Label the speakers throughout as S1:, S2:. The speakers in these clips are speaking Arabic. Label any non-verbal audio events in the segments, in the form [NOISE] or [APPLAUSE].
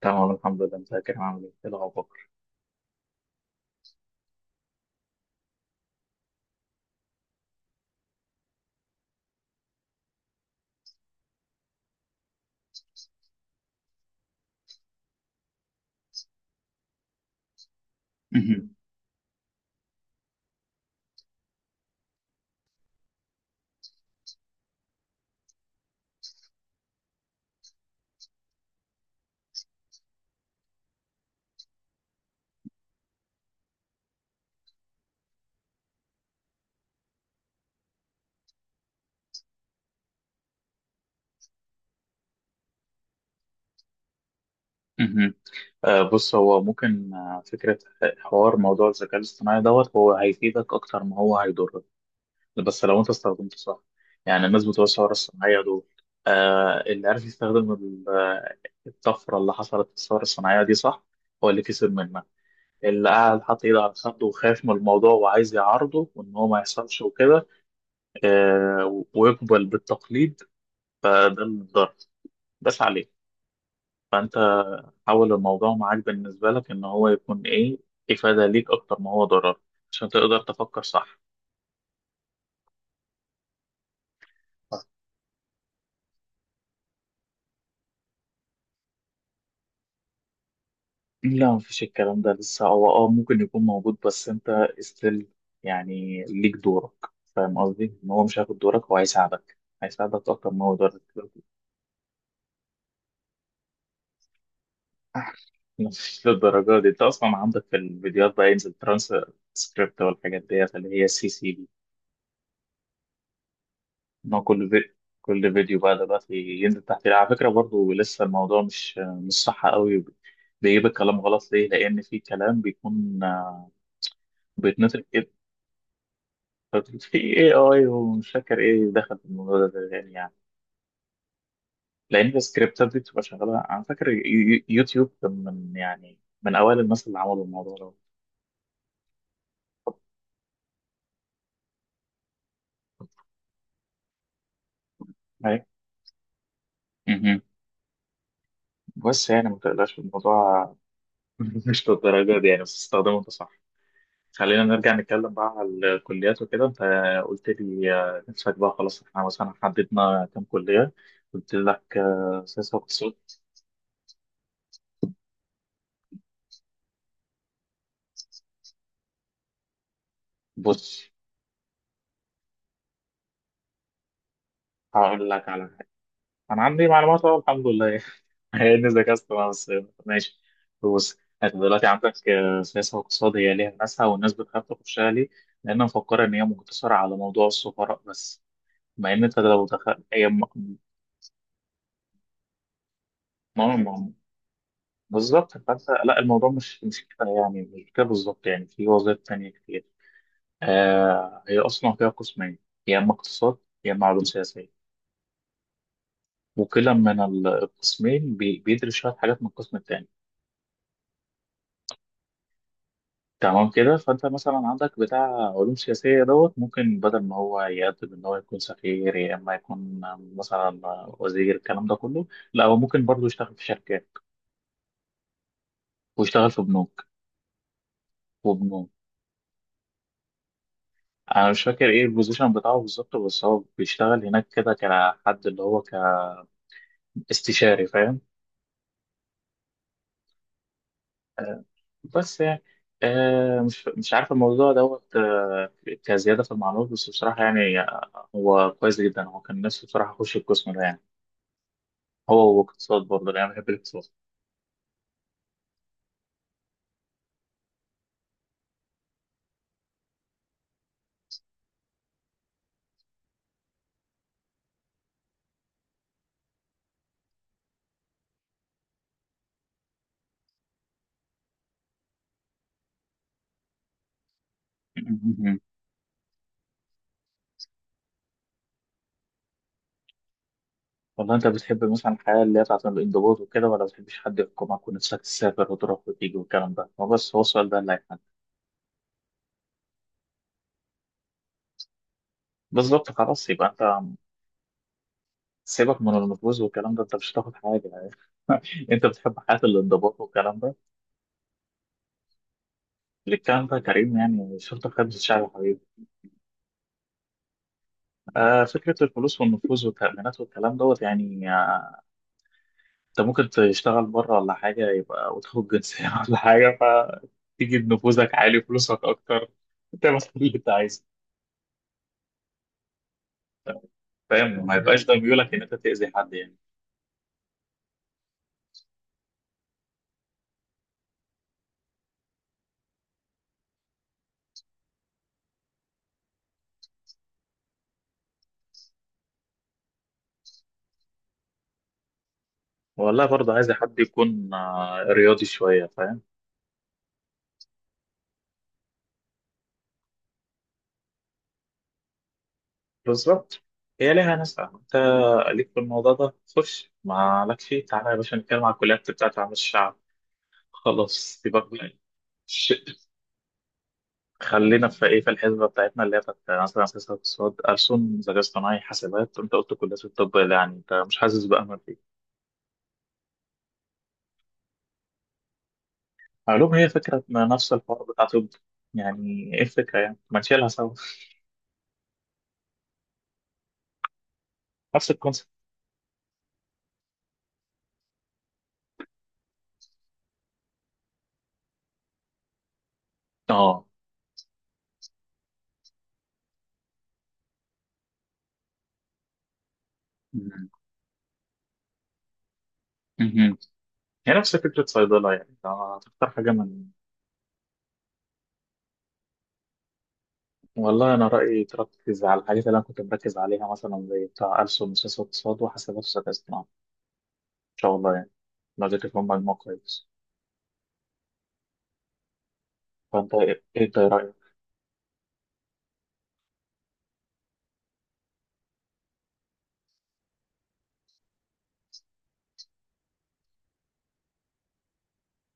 S1: تمام الحمد لله، متذكر. هعمل ايه؟ إيه الاخبار؟ مهم. مهم. آه بص، هو ممكن، آه، فكره حوار موضوع الذكاء الاصطناعي دوت، هو هيفيدك اكتر ما هو هيضرك، بس لو انت استخدمته صح. يعني الناس بتوع الثوره الصناعيه دول، آه، اللي عارف يستخدم الطفره اللي حصلت في الثوره الصناعيه دي صح، هو اللي كسب منها. اللي قاعد حاطط ايده على خده وخايف من الموضوع وعايز يعارضه وان هو ما يحصلش وكده، آه، ويقبل بالتقليد، فده اللي اتضرر بس عليه. فانت حول الموضوع معاك بالنسبة لك إن هو يكون إيه، إفادة ليك أكتر ما هو ضرر، عشان تقدر تفكر صح. صح، لا مفيش الكلام ده لسه، هو اه ممكن يكون موجود، بس أنت استيل يعني ليك دورك. فاهم قصدي؟ إن هو مش هياخد دورك، هو هيساعدك، هيساعدك أكتر ما هو ضرر. [LAUGHS] مش للدرجة دي، أنت أصلا عندك في الفيديوهات بقى ينزل ترانس سكريبت والحاجات ديت اللي هي سي سي. ان هو كل في... كل فيديو بقى دلوقتي ينزل تحت، على فكره برضو لسه الموضوع مش صح قوي، بيجيب الكلام غلط. ليه؟ لان في كلام بيكون، آه، بيتنطق كده. [LAUGHS] في اي اي، ومش فاكر ايه دخل في الموضوع ده، يعني، لان السكريبتات دي بتبقى شغاله. انا فاكر يوتيوب كان من، يعني، من اوائل الناس اللي عملوا الموضوع ده. أي. مهم. بس يعني ما تقلقش الموضوع. [LAUGHS] مش للدرجه دي يعني، بس استخدمه انت صح. خلينا نرجع نتكلم بقى على الكليات وكده. انت قلت لي، آه، نفسك بقى، خلاص احنا مثلا حددنا كام كلية. قلت لك، آه، سياسة واقتصاد. بص هقول لك على حاجة، انا عندي معلومات اهو الحمد لله يعني. [LAUGHS] هي اني ذاكرت أنا بس. ماشي. بص انت دلوقتي عندك، آه، سياسة واقتصاد، هي ليها ناسها، والناس بتخاف تخشها ليه؟ لأن مفكرة إن هي مقتصرة على موضوع السفراء بس، مع إن أنت لو دخلت هي م- بالظبط. فانت لا، الموضوع مش كده يعني، مش كده بالظبط، يعني في وظائف تانية كتير. آه، هي اصلا فيها قسمين، يا اما اقتصاد يا اما علوم سياسيه، وكلا من القسمين بيدرس شويه حاجات من القسم التاني. تمام كده. فانت مثلا عندك بتاع علوم سياسيه دوت، ممكن بدل ما هو يقدم ان هو يكون سفير، يا اما يكون مثلا وزير، الكلام ده كله لا، هو ممكن برضه يشتغل في شركات ويشتغل في بنوك. وبنوك، انا مش فاكر ايه البوزيشن بتاعه بالظبط، بس هو بيشتغل هناك كده كحد اللي هو كاستشاري، فاهم. آه، بس يعني، آه، مش عارف الموضوع دوت، آه، كزيادة في المعلومات بس. بصراحة يعني، آه، هو كويس جدا، هو كان نفسه بصراحة يخش القسم ده يعني. هو واقتصاد برضه، لأن أنا بحب الاقتصاد. [LAUGHS] والله أنت بتحب مثلا الحياة اللي هي بتاعت الانضباط وكده، ولا بتحبش حد يحكمك ونفسك تسافر وتروح وتيجي والكلام ده؟ هو بس هو السؤال ده اللي هيحل. بالظبط، خلاص يبقى أنت سيبك من المطبوز والكلام ده، انت مش هتاخد حاجه يعني. [LAUGHS] انت بتحب حياه الانضباط والكلام ده؟ ليه الكلام ده يا كريم؟ يعني شرطه خدمه الشعب يا حبيبي. آه، فكره الفلوس والنفوذ والتامينات والكلام دوت، يعني آه، انت ممكن تشتغل بره ولا حاجه يبقى، وتاخد جنسيه [LAUGHS] ولا حاجه، فتيجي نفوذك عالي فلوسك اكتر، تعمل كل [LAUGHS] اللي انت عايزه. فاهم؟ ما يبقاش ده ميولك ان انت تاذي حد يعني. والله برضه عايز حد يكون، آه، رياضي شويه، فاهم. بالظبط. هي ليها ناس. انت ليك في الموضوع ده، خش ما لك فيه، تعالى يا باشا نتكلم على الكليات بتاعت عمل الشعب. خلاص سيبك بقى. ش- خلينا في ايه، في الحسبه بتاعتنا اللي هي بتاعت مثلا سياسه اقتصاد، ألسن، ذكاء اصطناعي، حاسبات. انت قلت كليات الطب اللي يعني انت مش حاسس بأمل فيه. علوم هي فكره، ما نفس الحوار بتاع طب. يعني ايه الفكره يعني؟ ما نشيلها سوا، نفس الكونسيبت. اه. مهم. مهم. هي نفس فكره صيدله، يعني أنت هتختار حاجه من، والله أنا رأيي تركز على الحاجات اللي أنا كنت مركز عليها، مثلا زي بتاع ألسن وسياسة واقتصاد وحاسبات وذكاء اصطناعي، إن شاء الله يعني، لو ذاكرت فيهم مجموع كويس. فأنت إيه ده رأيك؟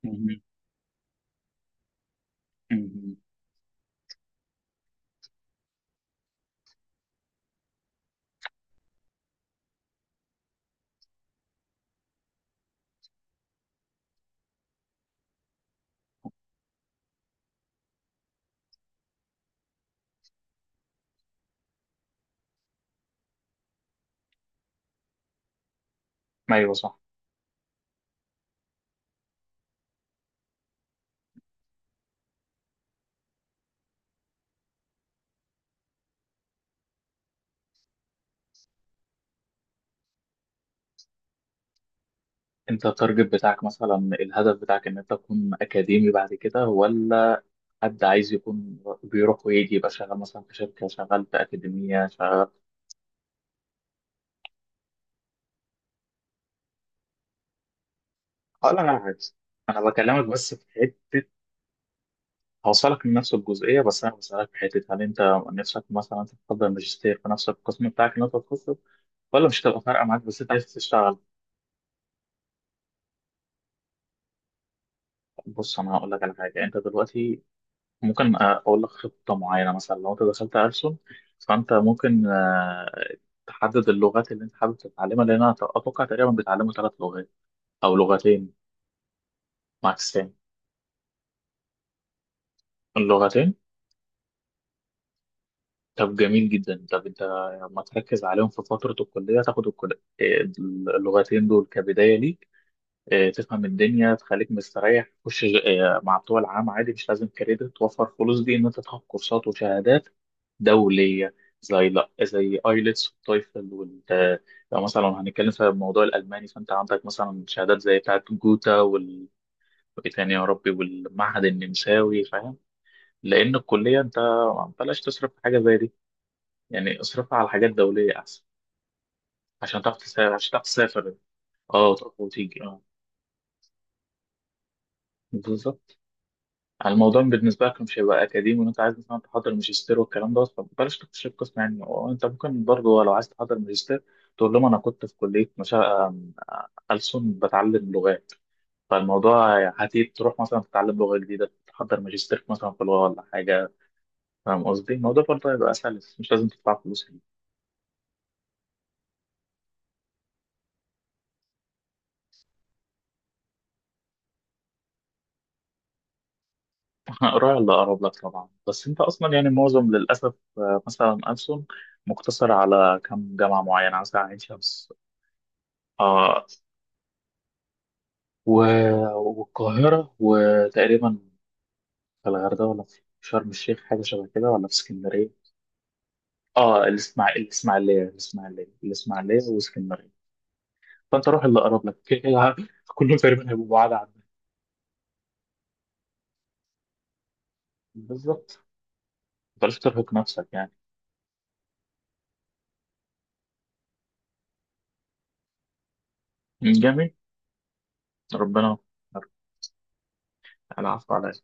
S1: مهم. مهم. أيوه صح. أنت التارجت بتاعك مثلا، الهدف بتاعك، إن أنت تكون أكاديمي بعد كده، ولا حد عايز يكون بيروح ويجي، يبقى شغال مثلا في شركة، شغال في أكاديمية، شغال. هقول لك على حاجة. أنا بكلمك بس في حتة، هوصلك لنفس الجزئية، بس أنا بسألك في حتة، هل أنت نفسك مثلا تفضل ماجستير في نفس القسم بتاعك اللي أنت تخصصه، ولا مش هتبقى فارقة معاك بس أنت عايز تشتغل؟ بص أنا هقول لك على حاجة. أنت دلوقتي ممكن، آه، أقول لك خطة معينة. مثلا لو أنت دخلت ألسن، فأنت ممكن، آه، تحدد اللغات اللي أنت حابب تتعلمها، لأن أنا أتوقع تقريبا بيتعلموا ثلاث لغات أو لغتين ماكسين. اللغتين، طب جميل جدا. طب أنت لما تركز عليهم في فترة الكلية، تاخد اللغتين دول كبداية ليك، آه، تفهم الدنيا، تخليك مستريح. خش، آه، مع بتوع العام عادي، مش لازم كريدت. توفر فلوس دي ان انت تاخد كورسات وشهادات دوليه، زي، لا، زي ايلتس والتويفل وال، آه، لو مثلا هنتكلم في موضوع الالماني، فانت عندك مثلا شهادات زي بتاعه جوتا وال إيه تاني يا ربي، والمعهد النمساوي، فاهم. لان الكليه انت، بلاش تصرف في حاجه زي دي يعني، اصرفها على حاجات دوليه احسن، عشان تعرف تسافر، عشان تعرف تسافر، اه، وتروح وتيجي. اه، بالظبط. على الموضوع بالنسبة لك مش هيبقى أكاديمي، وأنت عايز مثلا تحضر ماجستير والكلام ده، فبلاش تكتشف قسم يعني. وأنت ممكن برضه لو عايز تحضر ماجستير، تقول لهم أنا كنت في كلية مشا... آم، ألسن، بتعلم لغات. فالموضوع هتيجي تروح مثلا تتعلم لغة جديدة، تحضر ماجستير مثلا في لغة ولا حاجة. فاهم قصدي؟ الموضوع برضه هيبقى سلس، مش لازم تدفع فلوس فيه. [LAUGHS] قراية اللي أقرب لك طبعا. بس أنت أصلا يعني، معظم للأسف، آه، مثلا ألسن مقتصر على كم جامعة معينة، مثلا عين شمس، آه، و- والقاهرة، وتقريبا في الغردقة ولا في شرم الشيخ، حاجة شبه كده، ولا في اسكندرية. اه، الإسماعيلية الإسماعيلية واسكندرية. فأنت روح اللي أقرب لك، كده كده كلهم تقريبا هيبقوا بعاد عنك. بالظبط، ما تقدرش ترهق نفسك يعني. جميل. ربنا. العفو عليك.